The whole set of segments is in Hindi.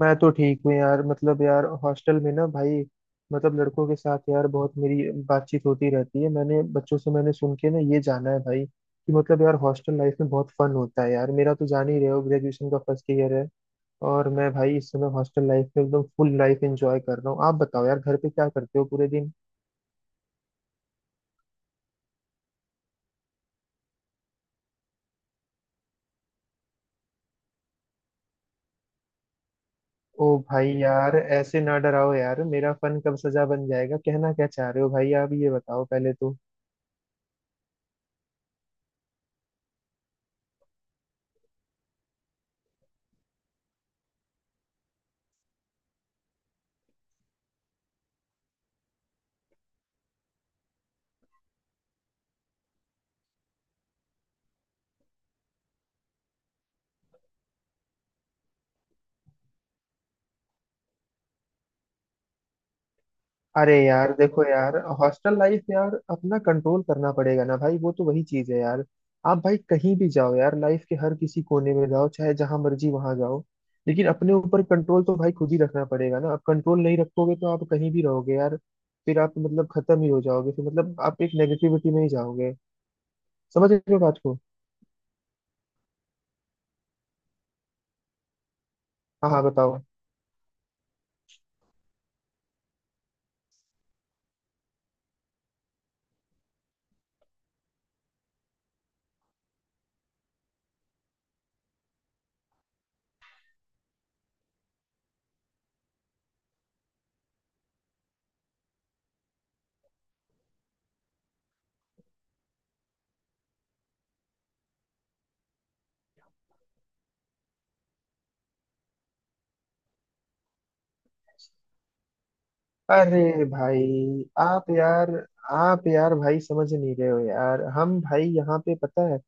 मैं तो ठीक हूँ यार। मतलब यार हॉस्टल में ना भाई, मतलब लड़कों के साथ यार बहुत मेरी बातचीत होती रहती है। मैंने बच्चों से मैंने सुन के ना ये जाना है भाई कि मतलब यार हॉस्टल लाइफ में बहुत फन होता है यार। मेरा तो जान ही रहे हो, ग्रेजुएशन का फर्स्ट ईयर है। और मैं भाई इस समय हॉस्टल लाइफ में एकदम फुल लाइफ एंजॉय कर रहा हूँ। आप बताओ यार घर पे क्या करते हो पूरे दिन? ओ भाई यार ऐसे ना डराओ यार, मेरा फन कब सजा बन जाएगा? कहना क्या चाह रहे हो भाई? आप ये बताओ पहले तो। अरे यार देखो यार, हॉस्टल लाइफ यार अपना कंट्रोल करना पड़ेगा ना भाई, वो तो वही चीज है यार। आप भाई कहीं भी जाओ यार, लाइफ के हर किसी कोने में जाओ, चाहे जहां मर्जी वहां जाओ, लेकिन अपने ऊपर कंट्रोल तो भाई खुद ही रखना पड़ेगा ना। आप कंट्रोल नहीं रखोगे तो आप कहीं भी रहोगे यार, फिर आप मतलब खत्म ही हो जाओगे, फिर मतलब आप एक नेगेटिविटी में ही जाओगे। समझ रहे हो बात को? हाँ हाँ बताओ। अरे भाई आप यार, आप यार भाई समझ नहीं रहे हो यार। हम भाई यहाँ पे पता है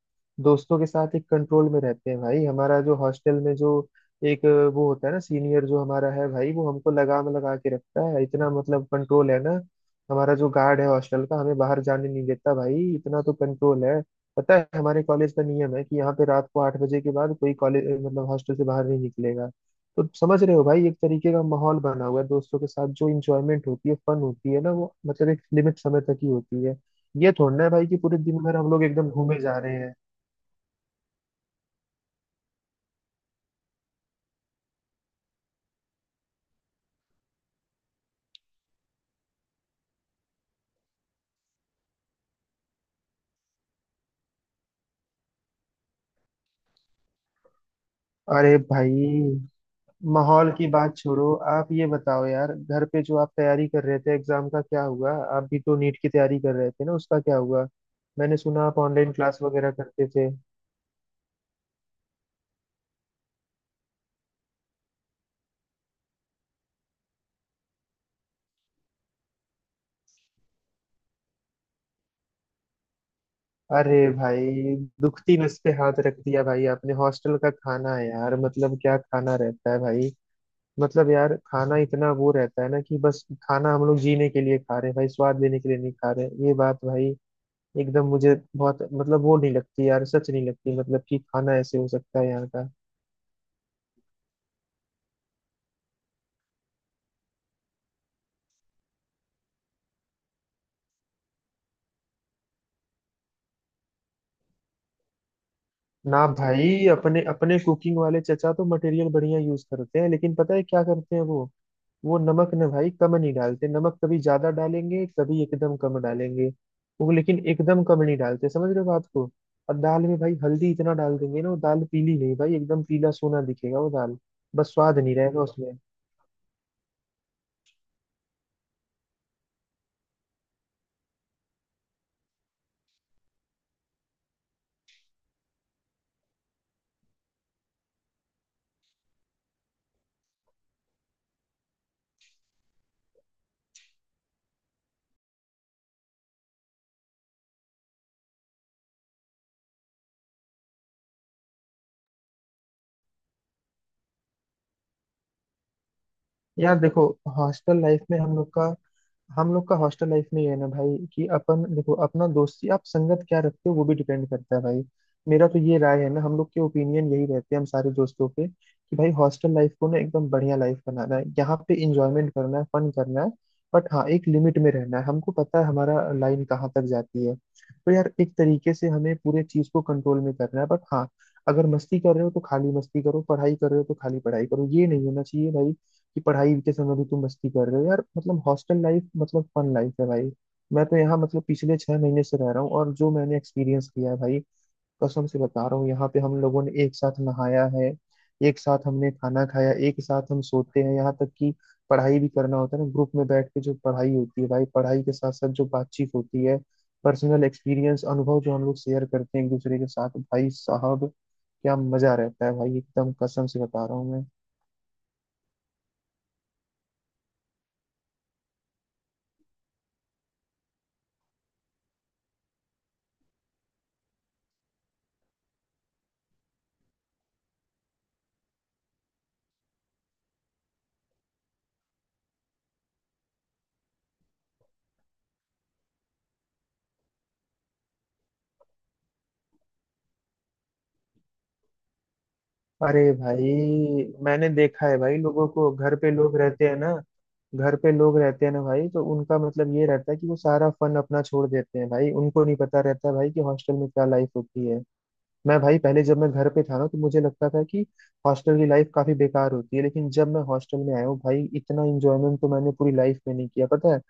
दोस्तों के साथ एक कंट्रोल में रहते हैं भाई। हमारा जो हॉस्टल में जो एक वो होता है ना सीनियर जो हमारा है भाई, वो हमको लगाम लगा के रखता है, इतना मतलब कंट्रोल है ना। हमारा जो गार्ड है हॉस्टल का, हमें बाहर जाने नहीं देता भाई, इतना तो कंट्रोल है। पता है हमारे कॉलेज का नियम है कि यहाँ पे रात को 8 बजे के बाद कोई कॉलेज मतलब हॉस्टल से बाहर नहीं निकलेगा। तो समझ रहे हो भाई, एक तरीके का माहौल बना हुआ है। दोस्तों के साथ जो इंजॉयमेंट होती है फन होती है ना, वो मतलब एक लिमिट समय तक ही होती है। ये थोड़ी ना है भाई कि पूरे दिन भर हम लोग एकदम घूमे जा रहे हैं। अरे भाई माहौल की बात छोड़ो, आप ये बताओ यार घर पे जो आप तैयारी कर रहे थे एग्जाम का क्या हुआ? आप भी तो नीट की तैयारी कर रहे थे ना, उसका क्या हुआ? मैंने सुना आप ऑनलाइन क्लास वगैरह करते थे। अरे भाई दुखती नस पे हाथ रख दिया भाई आपने। हॉस्टल का खाना है यार, मतलब क्या खाना रहता है भाई। मतलब यार खाना इतना वो रहता है ना कि बस खाना हम लोग जीने के लिए खा रहे हैं भाई, स्वाद लेने के लिए नहीं खा रहे हैं। ये बात भाई एकदम मुझे बहुत मतलब वो नहीं लगती यार, सच नहीं लगती मतलब कि खाना ऐसे हो सकता है यहाँ का। ना भाई अपने अपने कुकिंग वाले चचा तो मटेरियल बढ़िया यूज करते हैं, लेकिन पता है क्या करते हैं वो नमक ना भाई कम नहीं डालते, नमक कभी ज्यादा डालेंगे कभी एकदम कम डालेंगे, वो लेकिन एकदम कम नहीं डालते। समझ रहे हो बात को? और दाल में भाई हल्दी इतना डाल देंगे ना, वो दाल पीली नहीं भाई एकदम पीला सोना दिखेगा वो दाल, बस स्वाद नहीं रहेगा उसमें। यार देखो हॉस्टल लाइफ में हम लोग का हॉस्टल लाइफ में ये है ना भाई कि अपन देखो अपना दोस्ती आप संगत क्या रखते हो वो भी डिपेंड करता है भाई। मेरा तो ये राय है ना, हम लोग के ओपिनियन यही रहते हैं हम सारे दोस्तों के कि भाई हॉस्टल लाइफ को ना एकदम बढ़िया लाइफ बनाना है, यहाँ पे इंजॉयमेंट करना है फन करना है, बट हाँ एक लिमिट में रहना है। हमको पता है हमारा लाइन कहाँ तक जाती है। तो यार एक तरीके से हमें पूरे चीज को कंट्रोल में करना है, बट हाँ अगर मस्ती कर रहे हो तो खाली मस्ती करो, पढ़ाई कर रहे हो तो खाली पढ़ाई करो। ये नहीं होना चाहिए भाई कि पढ़ाई के समय भी तुम मस्ती कर रहे हो यार, मतलब हॉस्टल लाइफ मतलब फन लाइफ है भाई। मैं तो यहाँ मतलब पिछले 6 महीने से रह रहा हूँ और जो मैंने एक्सपीरियंस किया है भाई, कसम से बता रहा हूँ, यहाँ पे हम लोगों ने एक साथ नहाया है, एक साथ हमने खाना खाया, एक साथ हम सोते हैं, यहाँ तक कि पढ़ाई भी करना होता है ना ग्रुप में बैठ के, जो पढ़ाई होती है भाई, पढ़ाई के साथ साथ जो बातचीत होती है, पर्सनल एक्सपीरियंस अनुभव जो हम लोग शेयर करते हैं एक दूसरे के साथ भाई साहब, क्या मजा रहता है भाई, एकदम कसम से बता रहा हूँ मैं। अरे भाई मैंने देखा है भाई लोगों को, घर पे लोग रहते हैं ना भाई, तो उनका मतलब ये रहता है कि वो सारा फन अपना छोड़ देते हैं भाई। उनको नहीं पता रहता भाई कि हॉस्टल में क्या लाइफ होती है। मैं भाई पहले जब मैं घर पे था ना तो मुझे लगता था कि हॉस्टल की लाइफ काफी बेकार होती है, लेकिन जब मैं हॉस्टल में आया हूँ भाई, इतना एंजॉयमेंट तो मैंने पूरी लाइफ में नहीं किया। पता है,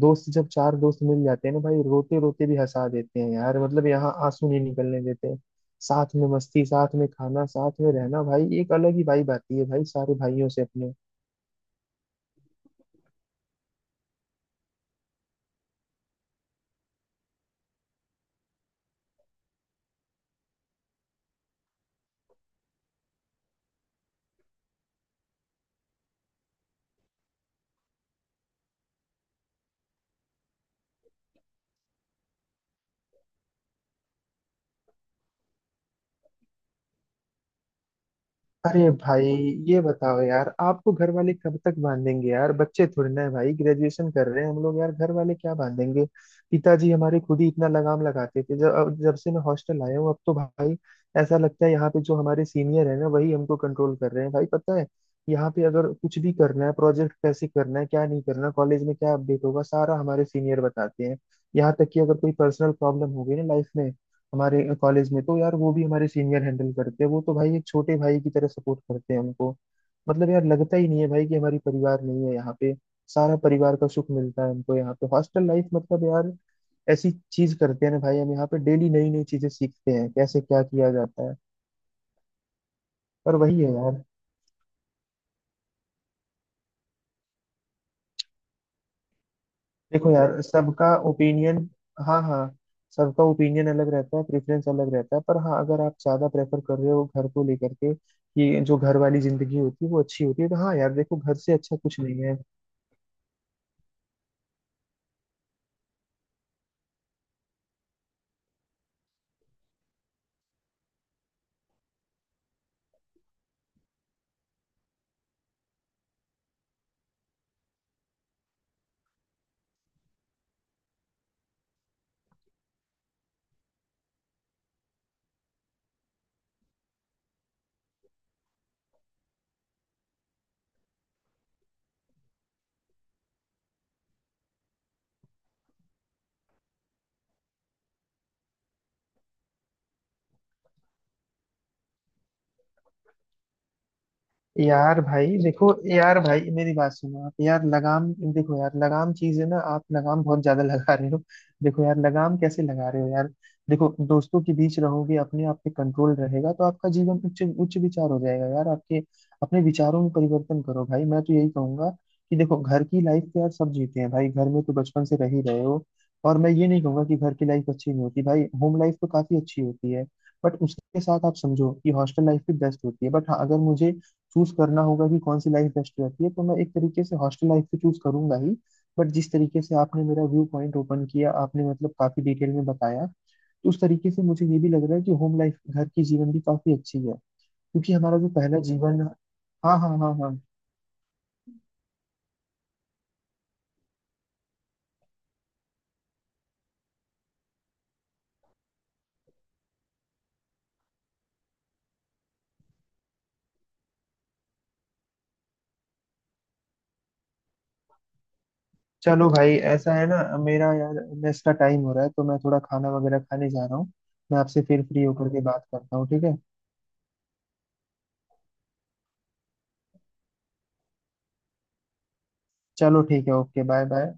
दोस्त जब चार दोस्त मिल जाते हैं ना भाई, रोते रोते भी हंसा देते हैं यार, मतलब यहाँ आंसू नहीं निकलने देते। साथ में मस्ती, साथ में खाना, साथ में रहना भाई, एक अलग ही वाइब आती है भाई सारे भाइयों से अपने। अरे भाई ये बताओ यार आपको घर वाले कब तक बांधेंगे यार? बच्चे थोड़े ना है भाई, ग्रेजुएशन कर रहे हैं हम लोग यार, घर वाले क्या बांधेंगे। पिताजी हमारे खुद ही इतना लगाम लगाते थे, जब अब जब से मैं हॉस्टल आया हूँ अब तो भाई ऐसा लगता है यहाँ पे जो हमारे सीनियर है ना वही हमको कंट्रोल कर रहे हैं भाई। पता है यहाँ पे अगर कुछ भी करना है, प्रोजेक्ट कैसे करना है, क्या नहीं करना, कॉलेज में क्या अपडेट होगा, सारा हमारे सीनियर बताते हैं। यहाँ तक कि अगर कोई पर्सनल प्रॉब्लम हो गई ना लाइफ में, हमारे कॉलेज में तो यार वो भी हमारे सीनियर हैंडल करते हैं। वो तो भाई एक छोटे भाई की तरह सपोर्ट करते हैं हमको। मतलब यार लगता ही नहीं है भाई कि हमारी परिवार नहीं है यहाँ पे, सारा परिवार का सुख मिलता है हमको यहाँ पे। हॉस्टल लाइफ मतलब यार ऐसी चीज करते हैं ना भाई हम यहाँ पे, डेली नई नई चीजें सीखते हैं कैसे क्या किया जाता है। पर वही है यार। देखो यार सबका ओपिनियन, हाँ हाँ, सबका ओपिनियन अलग रहता है, प्रेफरेंस अलग रहता है, पर हाँ अगर आप ज्यादा प्रेफर कर रहे हो घर को लेकर के कि जो घर वाली जिंदगी होती है वो अच्छी होती है, तो हाँ यार देखो घर से अच्छा कुछ नहीं है। यार भाई देखो यार भाई, मेरी बात सुनो आप यार। लगाम देखो यार, लगाम चीज है ना, आप लगाम बहुत ज्यादा लगा रहे हो। देखो यार लगाम कैसे लगा रहे हो यार। देखो दोस्तों के बीच रहोगे, अपने आप पे कंट्रोल रहेगा तो आपका जीवन उच्च उच्च विचार हो जाएगा यार आपके, अपने विचारों में परिवर्तन करो भाई। मैं तो यही कहूंगा कि देखो घर की लाइफ तो यार सब जीते हैं भाई, घर में तो बचपन से रह ही रहे हो। और मैं ये नहीं कहूंगा कि घर की लाइफ अच्छी नहीं होती भाई, होम लाइफ तो काफी अच्छी होती है, बट उसके साथ आप समझो कि हॉस्टल लाइफ भी बेस्ट होती है। बट हाँ अगर मुझे चूज करना होगा कि कौन सी लाइफ बेस्ट रहती है तो मैं एक तरीके से हॉस्टल लाइफ तो चूज करूंगा ही। बट जिस तरीके से आपने मेरा व्यू पॉइंट ओपन किया, आपने मतलब काफी डिटेल में बताया, तो उस तरीके से मुझे ये भी लग रहा है कि होम लाइफ घर की जीवन भी काफी अच्छी है, क्योंकि हमारा जो पहला जीवन। हाँ हाँ हाँ हाँ। चलो भाई ऐसा है ना, मेरा यार मेस का टाइम हो रहा है तो मैं थोड़ा खाना वगैरह खाने जा रहा हूँ। मैं आपसे फिर फ्री होकर के बात करता हूँ, ठीक है। चलो ठीक है, ओके बाय बाय।